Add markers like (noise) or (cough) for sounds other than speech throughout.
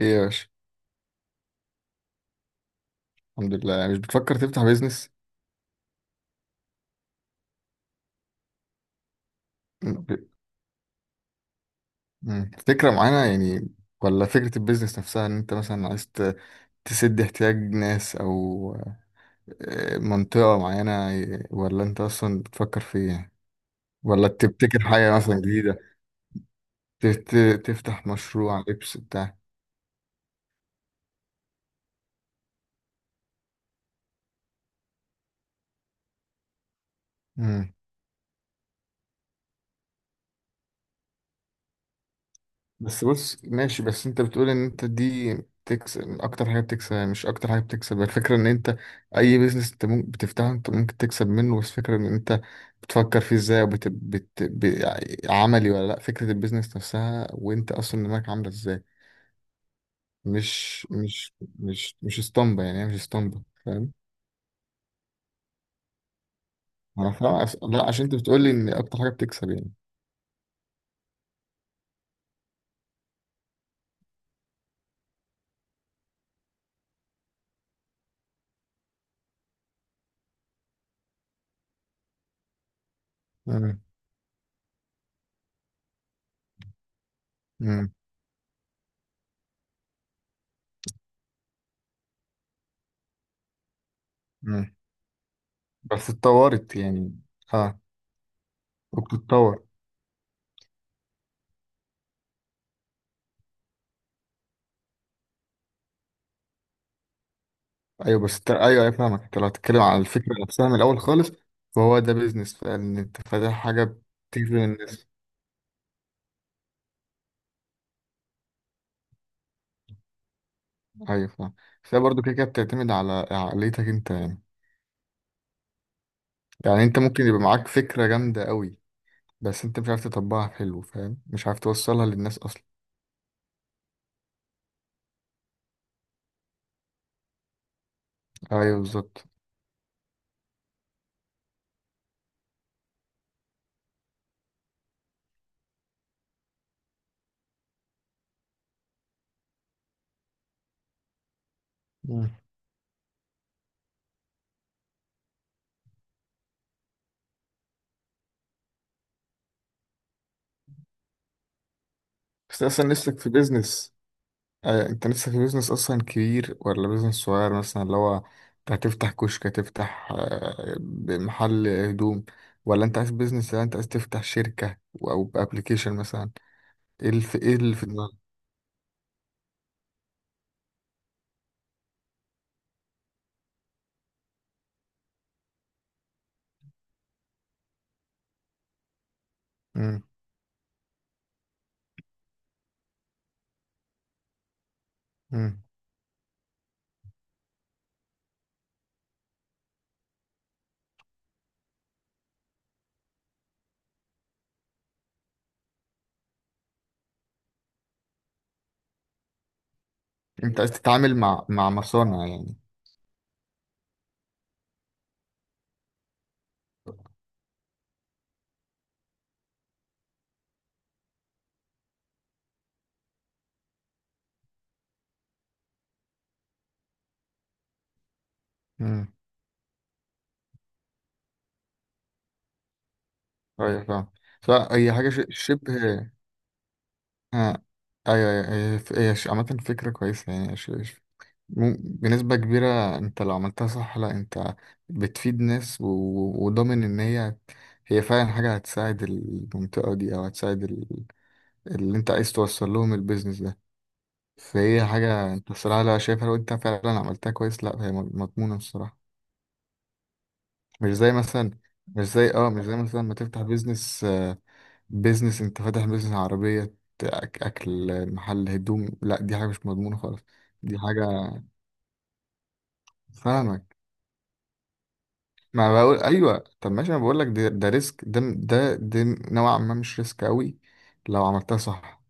ايه يا باشا. الحمد لله. يعني مش بتفكر تفتح بيزنس؟ م- ب- فكرة معينة يعني؟ ولا فكرة البيزنس نفسها، ان انت مثلا عايز تسد احتياج ناس، او منطقة معينة؟ ولا انت اصلا بتفكر في ايه؟ ولا تبتكر حاجة مثلا جديدة؟ تفتح مشروع لبس بتاع؟ بس بص، ماشي. بس انت بتقول ان انت دي بتكسب اكتر حاجه بتكسب، يعني مش اكتر حاجه بتكسب الفكره ان انت اي بيزنس انت ممكن بتفتحه انت ممكن تكسب منه. بس فكره ان انت بتفكر فيه ازاي، عملي ولا لا؟ فكره البيزنس نفسها وانت اصلا دماغك عامله ازاي؟ مش اسطمبه يعني، هي مش اسطمبه، فاهم؟ انا فاهم. لا، عشان انت بتقول لي ان اكتر حاجه بتكسب يعني. مم. مم. مم. بس اتطورت يعني. اه وبتتطور. ايوه ايوه ايوه، فاهمك. انت لو هتتكلم على الفكره نفسها من الاول خالص، فهو ده بيزنس، فان انت فاتح حاجه بتجذب الناس. ايوه فاهم. فهي برضه كده كده بتعتمد على عقليتك انت يعني. يعني انت ممكن يبقى معاك فكره جامده قوي بس انت مش عارف تطبقها حلو، فاهم؟ مش عارف توصلها للناس اصلا. ايوه بالظبط. مم. بس اصلا نفسك في بيزنس، انت لسه في بيزنس اصلا كبير ولا بيزنس صغير مثلا؟ اللي هو انت هتفتح كشك، هتفتح محل هدوم؟ ولا انت عايز بيزنس؟ ولا انت عايز تفتح شركة، او ابلكيشن مثلا؟ ايه اللي في، ايه اللي في دماغك؟ مم، مم. انت عايز تتعامل مع مصانع يعني. امم، ايوه فاهم. لا هي حاجة شبه. ها. ايوه أيوة، هي هي هي عامة فكرة كويسة يعني. بنسبة كبيرة انت لو عملتها صح، لا انت بتفيد ناس، وضامن ان هي، هي فعلا حاجة هتساعد المنطقة دي، او هتساعد اللي انت عايز توصل لهم البيزنس ده. فهي حاجة انت الصراحة لا شايفها. لو انت فعلا عملتها كويس لا هي مضمونة الصراحة. مش زي مثلا مش زي مثلا ما تفتح بيزنس، بيزنس، انت فاتح بيزنس عربية، أك- اكل، محل هدوم. لا دي حاجة مش مضمونة خالص. دي حاجة. فاهمك. ما بقول ايوه، طب ماشي. انا بقول لك ده، ريسك ده نوعا ما، مش ريسك قوي لو عملتها صح.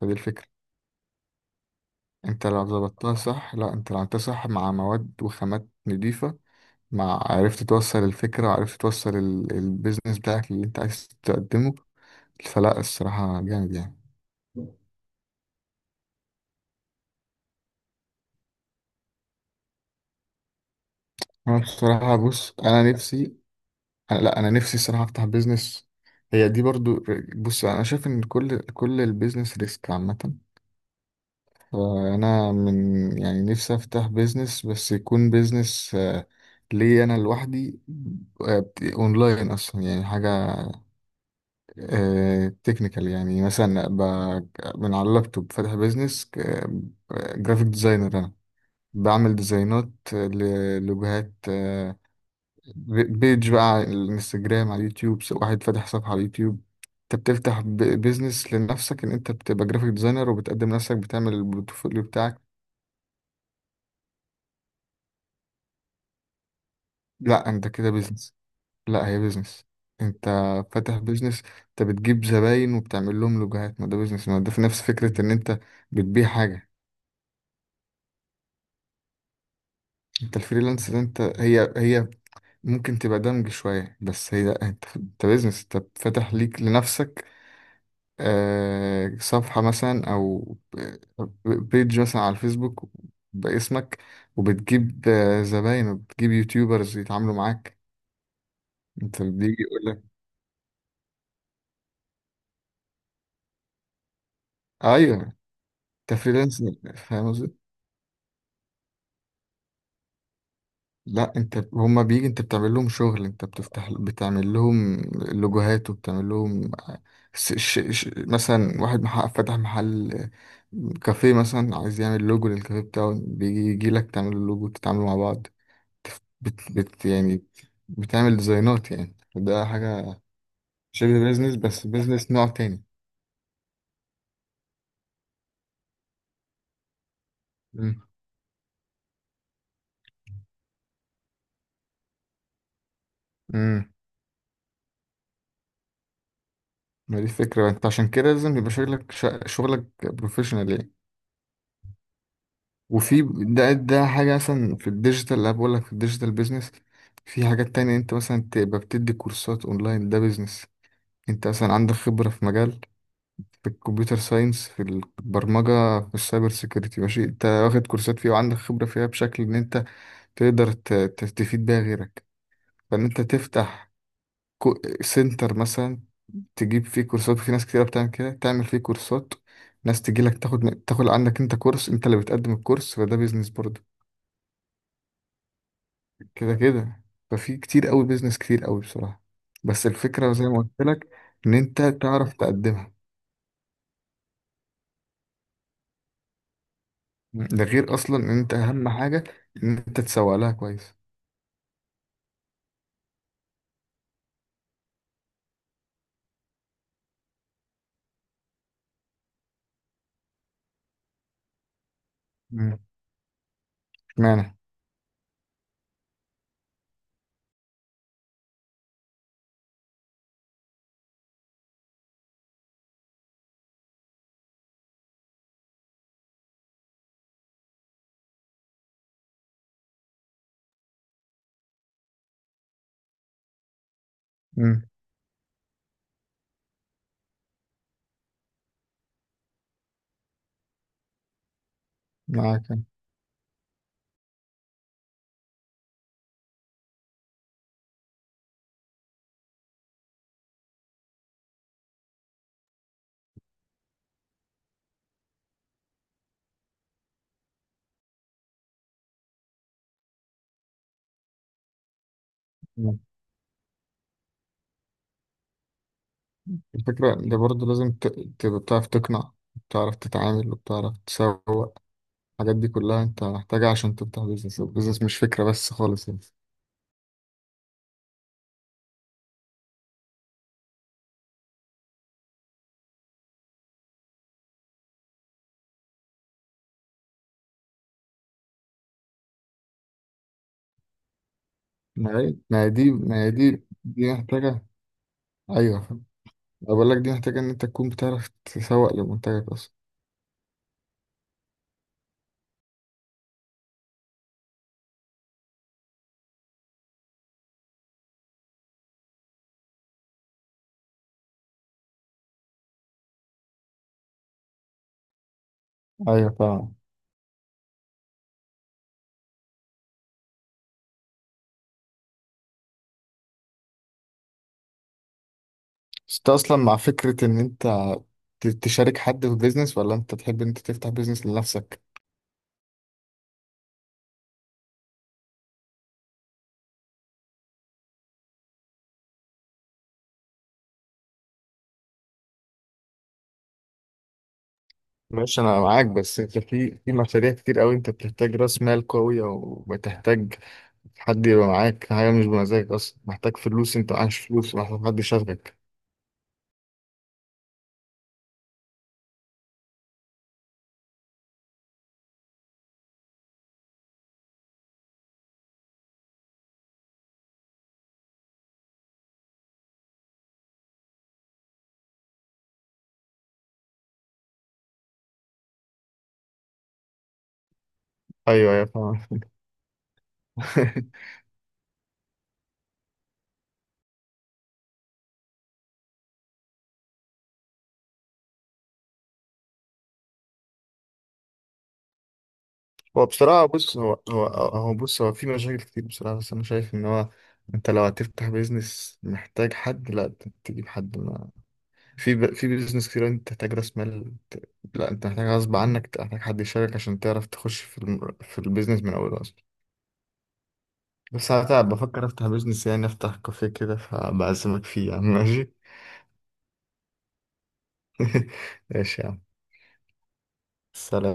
فدي الفكره. انت لو ظبطتها صح، لا انت لو عملتها صح مع مواد وخامات نضيفه، مع عرفت توصل الفكره وعرفت توصل البيزنس بتاعك اللي انت عايز تقدمه، فلا الصراحه جامد يعني. انا بصراحه، بص انا نفسي، أنا لا انا نفسي الصراحه افتح بيزنس، هي دي برضو. بص انا شايف ان كل البيزنس ريسك عامه. فأنا من، يعني نفسي أفتح بيزنس، بس يكون بيزنس لي أنا لوحدي. أونلاين أصلا، يعني حاجة تكنيكال، يعني مثلا أبقى من على اللابتوب فاتح بيزنس جرافيك ديزاينر. أنا بعمل ديزاينات لوجهات، بيج بقى على الانستجرام، على اليوتيوب. واحد فاتح صفحة على اليوتيوب، انت بتفتح بيزنس لنفسك ان انت بتبقى جرافيك ديزاينر وبتقدم نفسك، بتعمل البورتفوليو بتاعك. لا انت كده بيزنس. لا هي بيزنس. انت فاتح بيزنس. انت بتجيب زباين وبتعمل لهم لوجوهات، ما ده بيزنس، ما ده في نفس فكرة ان انت بتبيع حاجة. انت الفريلانس ده انت، هي هي ممكن تبقى دمج شوية، بس هي لا انت، انت بيزنس، انت فاتح ليك لنفسك صفحة مثلا، او بيج مثلا على الفيسبوك باسمك، وبتجيب زباين، وبتجيب يوتيوبرز يتعاملوا معاك. انت بيجي يقول لك. ايوه انت فريلانس، فاهم؟ لا انت، هما بيجي، انت بتعمل لهم شغل، انت بتفتح بتعمل لهم لوجوهات، وبتعمل لهم. مثلا واحد محقق فتح محل كافيه مثلا، عايز يعمل لوجو للكافيه بتاعه، بيجي يجي لك تعمل له لوجو، تتعاملوا مع بعض. يعني بتعمل ديزاينات. يعني ده حاجة شبه بيزنس، بس بيزنس نوع تاني. امم. امم. ما دي فكرة. انت عشان كده لازم يبقى شغلك شغلك بروفيشنال. وفي ده، ده حاجة مثلا في الديجيتال. اللي بقول لك في الديجيتال بيزنس، في حاجات تانية، انت مثلا تبقى بتدي كورسات اونلاين، ده بيزنس. انت مثلا عندك خبرة في مجال، في الكمبيوتر ساينس، في البرمجة، في السايبر سيكيورتي، ماشي. انت واخد كورسات فيها وعندك خبرة فيها بشكل ان انت تقدر تفيد بيها غيرك، فان انت تفتح سنتر مثلا، تجيب فيه كورسات. وفي ناس كتيرة بتعمل كده، تعمل فيه كورسات، ناس تجيلك تاخد عندك انت كورس، انت اللي بتقدم الكورس، فده بيزنس برضه. كده كده. ففي كتير قوي بيزنس، كتير قوي بصراحة. بس الفكرة زي ما قلت لك، ان انت تعرف تقدمها. مم. ده غير اصلا ان انت اهم حاجة ان انت تسوق لها كويس. مم. اشمعنى؟ مم. معاك. مم. الفكرة ده برضه لازم تبقى بتعرف تقنع، بتعرف تتعامل، وبتعرف تسوق. الحاجات دي كلها انت محتاجها عشان تفتح بيزنس. البيزنس مش فكرة بس خالص يعني. ما هي دي محتاجة. ايوه. أنا بقول لك دي محتاجة ان انت تكون بتعرف تسوق لمنتجك اصلا. ايوه فاهم. بس انت اصلا مع فكرة ان انت تشارك حد في بيزنس، ولا انت تحب إن انت تفتح بيزنس لنفسك؟ ماشي انا معاك. بس انت في مشاريع كتير قوي انت بتحتاج راس مال قوية، وبتحتاج حد يبقى معاك. حاجة مش بمزاجك اصلا، محتاج فلوس، انت عايش فلوس، محتاج حد يشاركك. ايوه ايوه فاهم. (laughs) هو بصراحة، بص، هو في مشاكل كتير بصراحة. بس انا شايف ان هو، انت لو هتفتح بيزنس محتاج حد، لا تجيب حد. في بيزنس كتير انت تحتاج راس مال، لا انت محتاج، غصب عنك تحتاج حد يشارك، عشان تعرف تخش في البيزنس من اوله اصلا. بس انا تعب بفكر افتح بيزنس، يعني افتح كافيه كده، فبعزمك فيه يا عم، ماشي؟ (laughs) ماشي يا عم. سلام.